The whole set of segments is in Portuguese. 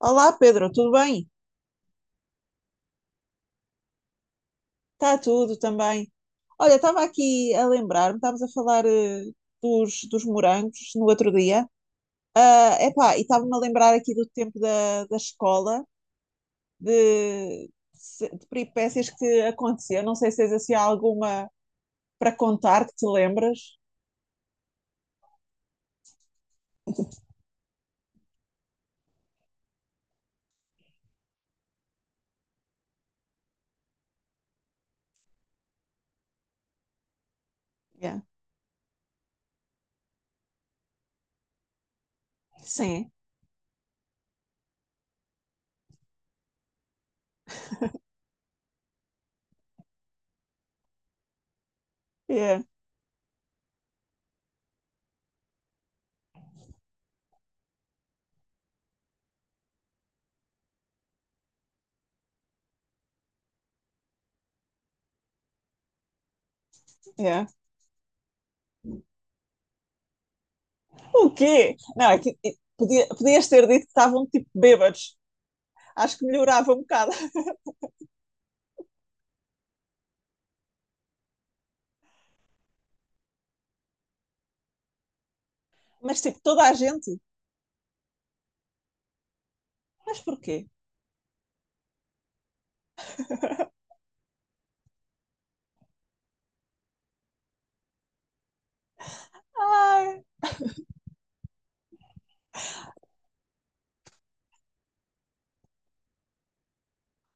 Olá Pedro, tudo bem? Está tudo também. Olha, estava aqui a lembrar-me, estávamos a falar dos morangos no outro dia. Ah, epá, e estava-me a lembrar aqui do tempo da escola, de, de peripécias que aconteciam. Não sei se tens assim alguma para contar que te lembras. Yeah. Sim. Yeah. Yeah. O quê? Não, é que é, podias ter dito que estavam tipo bêbados. Acho que melhorava um bocado. Mas tipo, toda a gente. Mas porquê?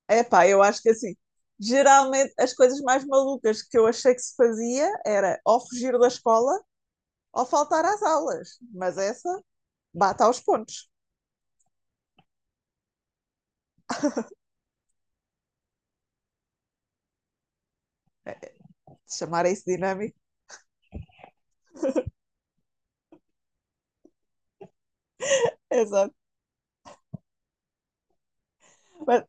É pá, eu acho que assim, geralmente as coisas mais malucas que eu achei que se fazia era ou fugir da escola ou faltar às aulas, mas essa bate aos pontos. É, é, chamar isso dinâmico, exato. Mas,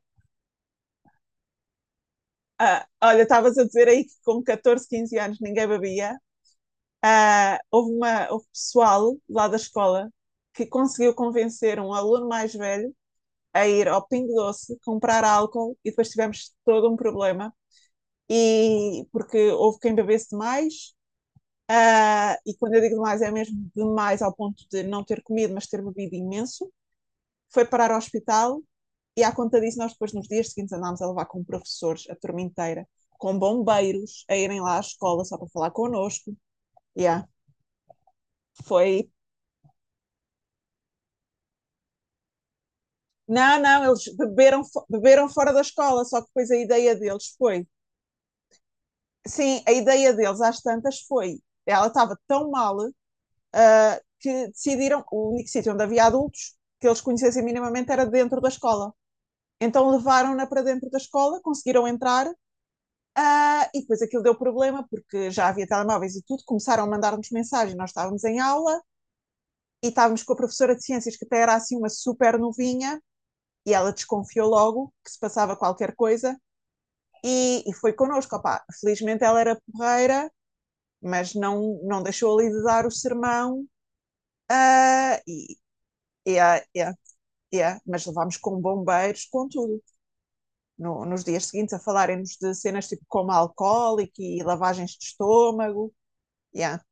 ah, olha, estavas a dizer aí que com 14, 15 anos ninguém bebia. Ah, houve pessoal lá da escola que conseguiu convencer um aluno mais velho a ir ao Pingo Doce comprar álcool e depois tivemos todo um problema e porque houve quem bebesse mais. E quando eu digo demais, é mesmo demais ao ponto de não ter comido, mas ter bebido imenso. Foi parar ao hospital e, à conta disso, nós depois, nos dias seguintes, andámos a levar com professores a turma inteira, com bombeiros, a irem lá à escola só para falar connosco. Yeah. Foi. Não, não, eles beberam, beberam fora da escola, só que depois a ideia deles foi. Sim, a ideia deles, às tantas, foi. Ela estava tão mal que decidiram. O único sítio onde havia adultos que eles conhecessem minimamente era dentro da escola. Então levaram-na para dentro da escola, conseguiram entrar, ah, e depois aquilo deu problema, porque já havia telemóveis e tudo, começaram a mandar-nos mensagem, nós estávamos em aula, e estávamos com a professora de ciências, que até era assim uma super novinha, e ela desconfiou logo que se passava qualquer coisa, e foi connosco, opá. Felizmente ela era porreira, mas não, não deixou ali de dar o sermão, ah, e, yeah, yeah, yeah. Mas levámos com bombeiros, com tudo. Nos dias seguintes a falarem-nos de cenas tipo coma alcoólico e lavagens de estômago. Yeah,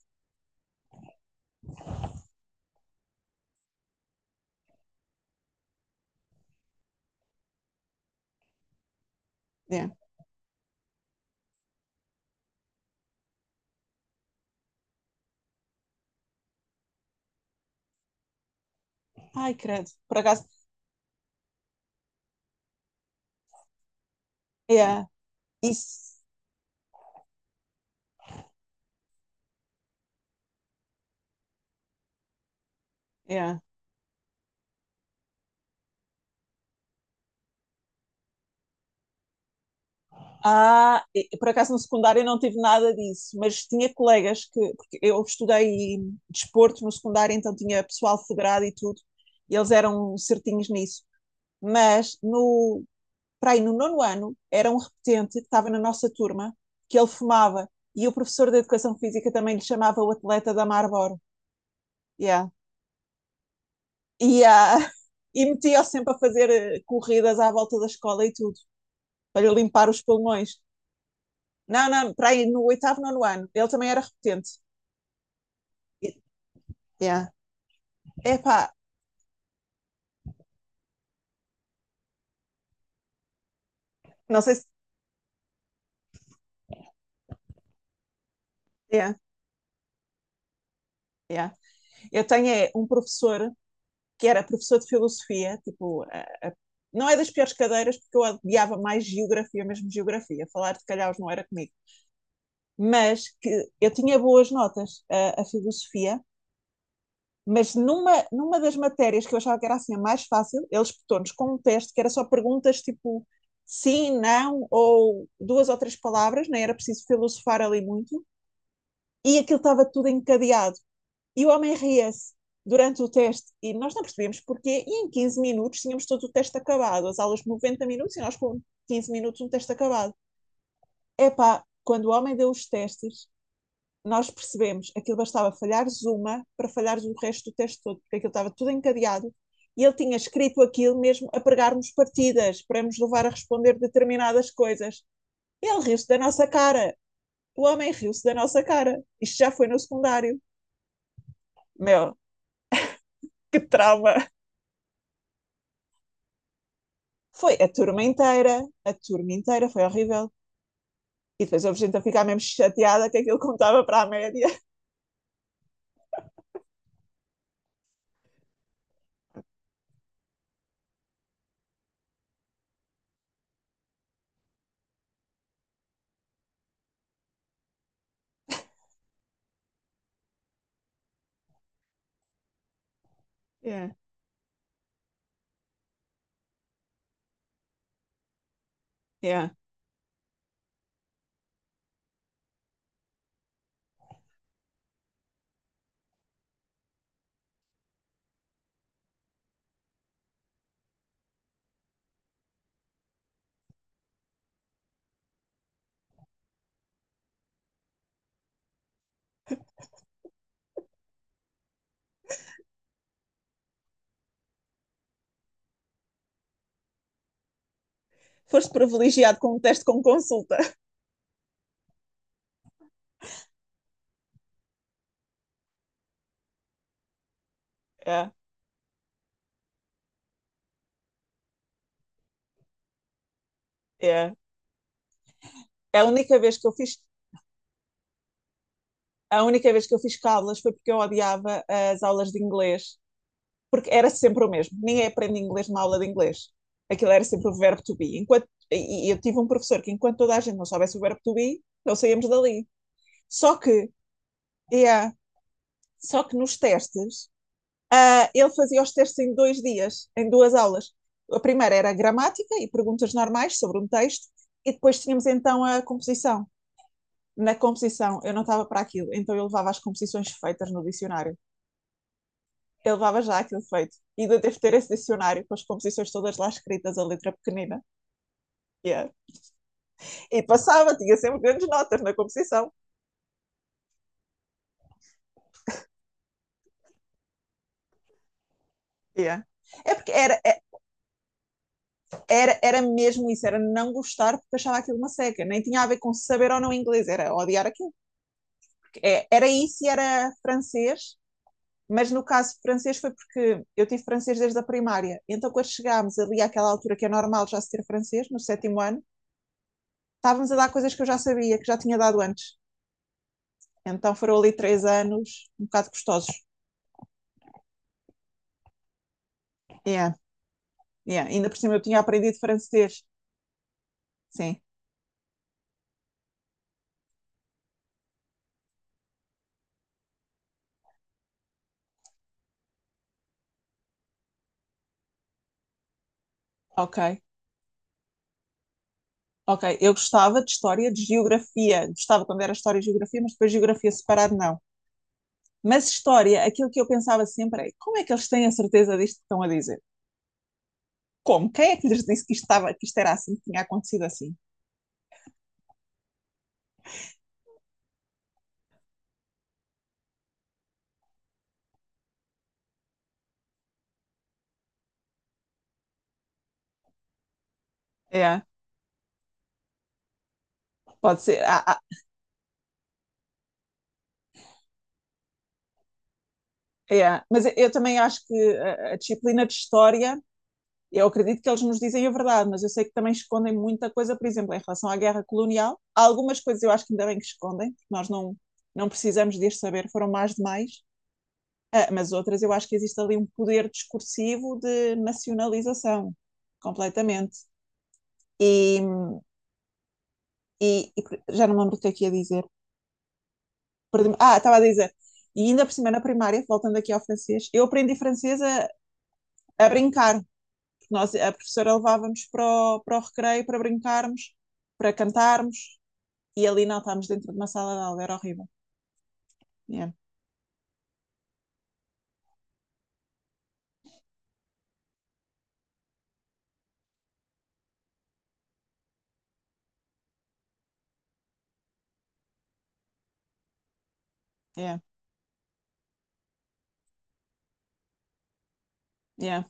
yeah. Ai, credo, por acaso, yeah, isso. Yeah. Ah, por acaso no secundário eu não tive nada disso, mas tinha colegas que, porque eu estudei desporto no secundário, então tinha pessoal federado e tudo, e eles eram certinhos nisso. Mas para aí no nono ano, era um repetente que estava na nossa turma, que ele fumava. E o professor de Educação Física também lhe chamava o atleta da Marlboro. Yeah. E, ah, e metia-o sempre a fazer corridas à volta da escola e tudo, para lhe limpar os pulmões. Não, não, para aí no oitavo, nono ano, ele também era repetente. E- Yeah. Epá, não sei se... Yeah, yeah. Eu tenho é, um professor que era professor de filosofia, tipo, não é das piores cadeiras, porque eu odiava mais geografia, mesmo geografia, falar de calhaus não era comigo, mas que eu tinha boas notas a filosofia, mas numa das matérias que eu achava que era assim a mais fácil, eles botou-nos com um teste que era só perguntas tipo sim, não, ou duas ou três palavras, nem era preciso filosofar ali muito, e aquilo estava tudo encadeado. E o homem ria-se durante o teste e nós não percebemos porquê. E em 15 minutos tínhamos todo o teste acabado, as aulas de 90 minutos e nós com 15 minutos um teste acabado. Epá, quando o homem deu os testes, nós percebemos aquilo bastava falhares uma para falhares o resto do teste todo, porque aquilo estava tudo encadeado e ele tinha escrito aquilo mesmo a pregarmos partidas, para nos levar a responder determinadas coisas. Ele riu-se da nossa cara. O homem riu-se da nossa cara. Isto já foi no secundário. Meu, que trauma! Foi a turma inteira, foi horrível. E depois houve gente a ficar mesmo chateada que aquilo contava para a média. Yeah, yeah. Foste privilegiado com um teste com consulta. Yeah, yeah. A única vez que eu fiz, a única vez que eu fiz cábulas foi porque eu odiava as aulas de inglês, porque era sempre o mesmo. Ninguém aprende inglês numa aula de inglês. Aquilo era sempre o verbo to be. Enquanto, e eu tive um professor que enquanto toda a gente não soubesse o verbo to be, não saíamos dali. Só que, yeah, só que nos testes. Ah, ele fazia os testes em 2 dias, em duas aulas. A primeira era a gramática e perguntas normais sobre um texto, e depois tínhamos então a composição. Na composição, eu não estava para aquilo, então eu levava as composições feitas no dicionário. Eu levava já aquilo feito. E ainda devo ter esse dicionário com as composições todas lá escritas, a letra pequenina. Yeah. E passava, tinha sempre grandes notas na composição. Yeah. É porque era, era mesmo isso, era não gostar porque achava aquilo uma seca. Nem tinha a ver com saber ou não inglês, era odiar aquilo. É, era isso e era francês, mas no caso francês foi porque eu tive francês desde a primária. Então, quando chegámos ali àquela altura que é normal já se ter francês, no sétimo ano, estávamos a dar coisas que eu já sabia, que já tinha dado antes. Então foram ali 3 anos um bocado gostosos. Yeah, yeah. Ainda por cima eu tinha aprendido francês. Sim, ok. Ok, eu gostava de história, de geografia. Gostava quando era história e geografia, mas depois geografia separado não. Mas história, aquilo que eu pensava sempre é como é que eles têm a certeza disto que estão a dizer? Como? Quem é que lhes disse que isto era assim, que tinha acontecido assim? É, pode ser. Ah, ah, é. Mas eu também acho que a disciplina de história, eu acredito que eles nos dizem a verdade, mas eu sei que também escondem muita coisa, por exemplo, em relação à guerra colonial. Há algumas coisas eu acho que ainda bem que escondem, porque nós não, não precisamos de as saber, foram mais demais. Ah, mas outras eu acho que existe ali um poder discursivo de nacionalização, completamente. E, e já não me lembro o que é que ia dizer. Perdi. Ah, estava a dizer. E ainda por cima, na primária, voltando aqui ao francês, eu aprendi francês a brincar. Porque a professora levava-nos para o recreio para brincarmos, para cantarmos, e ali não estávamos dentro de uma sala de aula, era horrível. Yeah, yeah, yeah.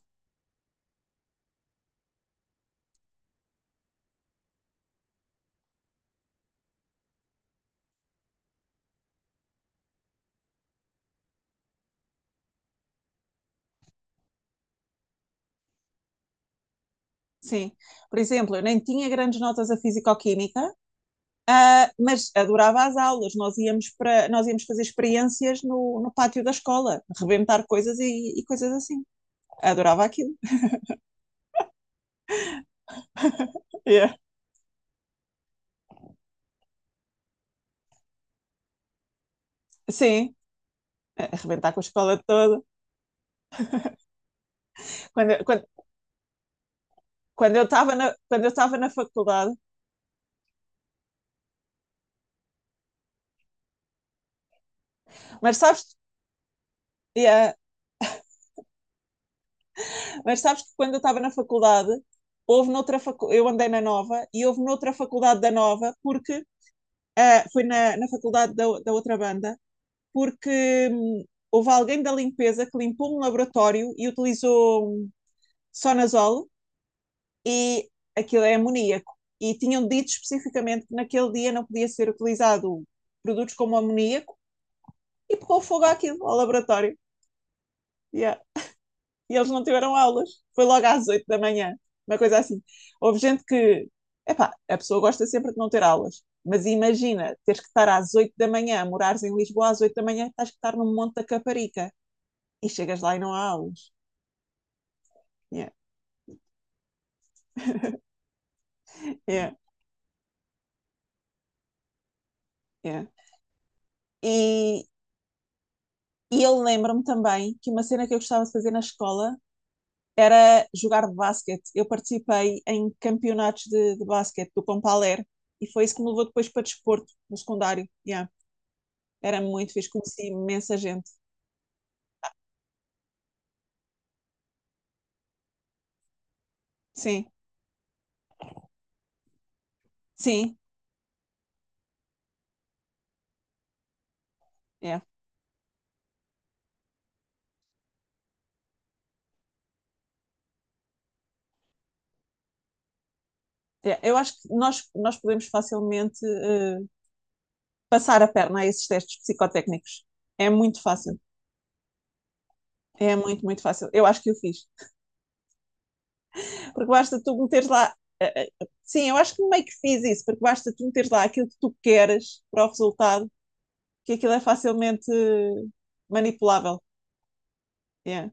Sim. Por exemplo, eu nem tinha grandes notas a físico-química, mas adorava as aulas. Nós íamos fazer experiências no pátio da escola, rebentar coisas e coisas assim. Adorava aquilo. Yeah. Sim, a arrebentar com a escola toda. Quando, quando, quando eu estava na faculdade, mas sabes, yeah, mas sabes que quando eu estava na faculdade, eu andei na Nova e houve noutra faculdade da Nova, porque foi na faculdade da outra banda, porque houve alguém da limpeza que limpou um laboratório e utilizou Sonazol e aquilo é amoníaco. E tinham dito especificamente que naquele dia não podia ser utilizado produtos como amoníaco e pegou fogo àquilo, ao laboratório. Yeah. E eles não tiveram aulas. Foi logo às 8 da manhã, uma coisa assim. Houve gente que, epá, a pessoa gosta sempre de não ter aulas, mas imagina, teres que estar às 8 da manhã, morares em Lisboa às 8 da manhã, estás que estar no Monte da Caparica e chegas lá e não há aulas. Yeah, yeah, yeah. E, e eu lembro-me também que uma cena que eu gostava de fazer na escola era jogar basquete. Eu participei em campeonatos de basquete do Compaler e foi isso que me levou depois para desporto no secundário. Yeah. Era muito fixe, conheci imensa gente. Sim, sim, yeah. Yeah. Eu acho que nós podemos facilmente passar a perna a esses testes psicotécnicos. É muito fácil. É muito, muito fácil. Eu acho que eu fiz. Porque basta tu meteres lá. Sim, eu acho que meio que fiz isso, porque basta tu meteres lá aquilo que tu queres para o resultado que aquilo é facilmente manipulável. Yeah,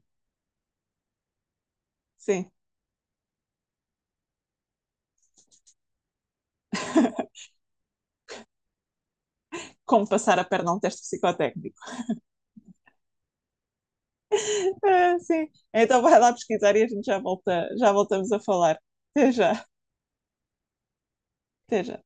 sim. Como passar a perna a um teste psicotécnico. Ah, sim. Então vai lá pesquisar e a gente já voltamos a falar. Até já, até já.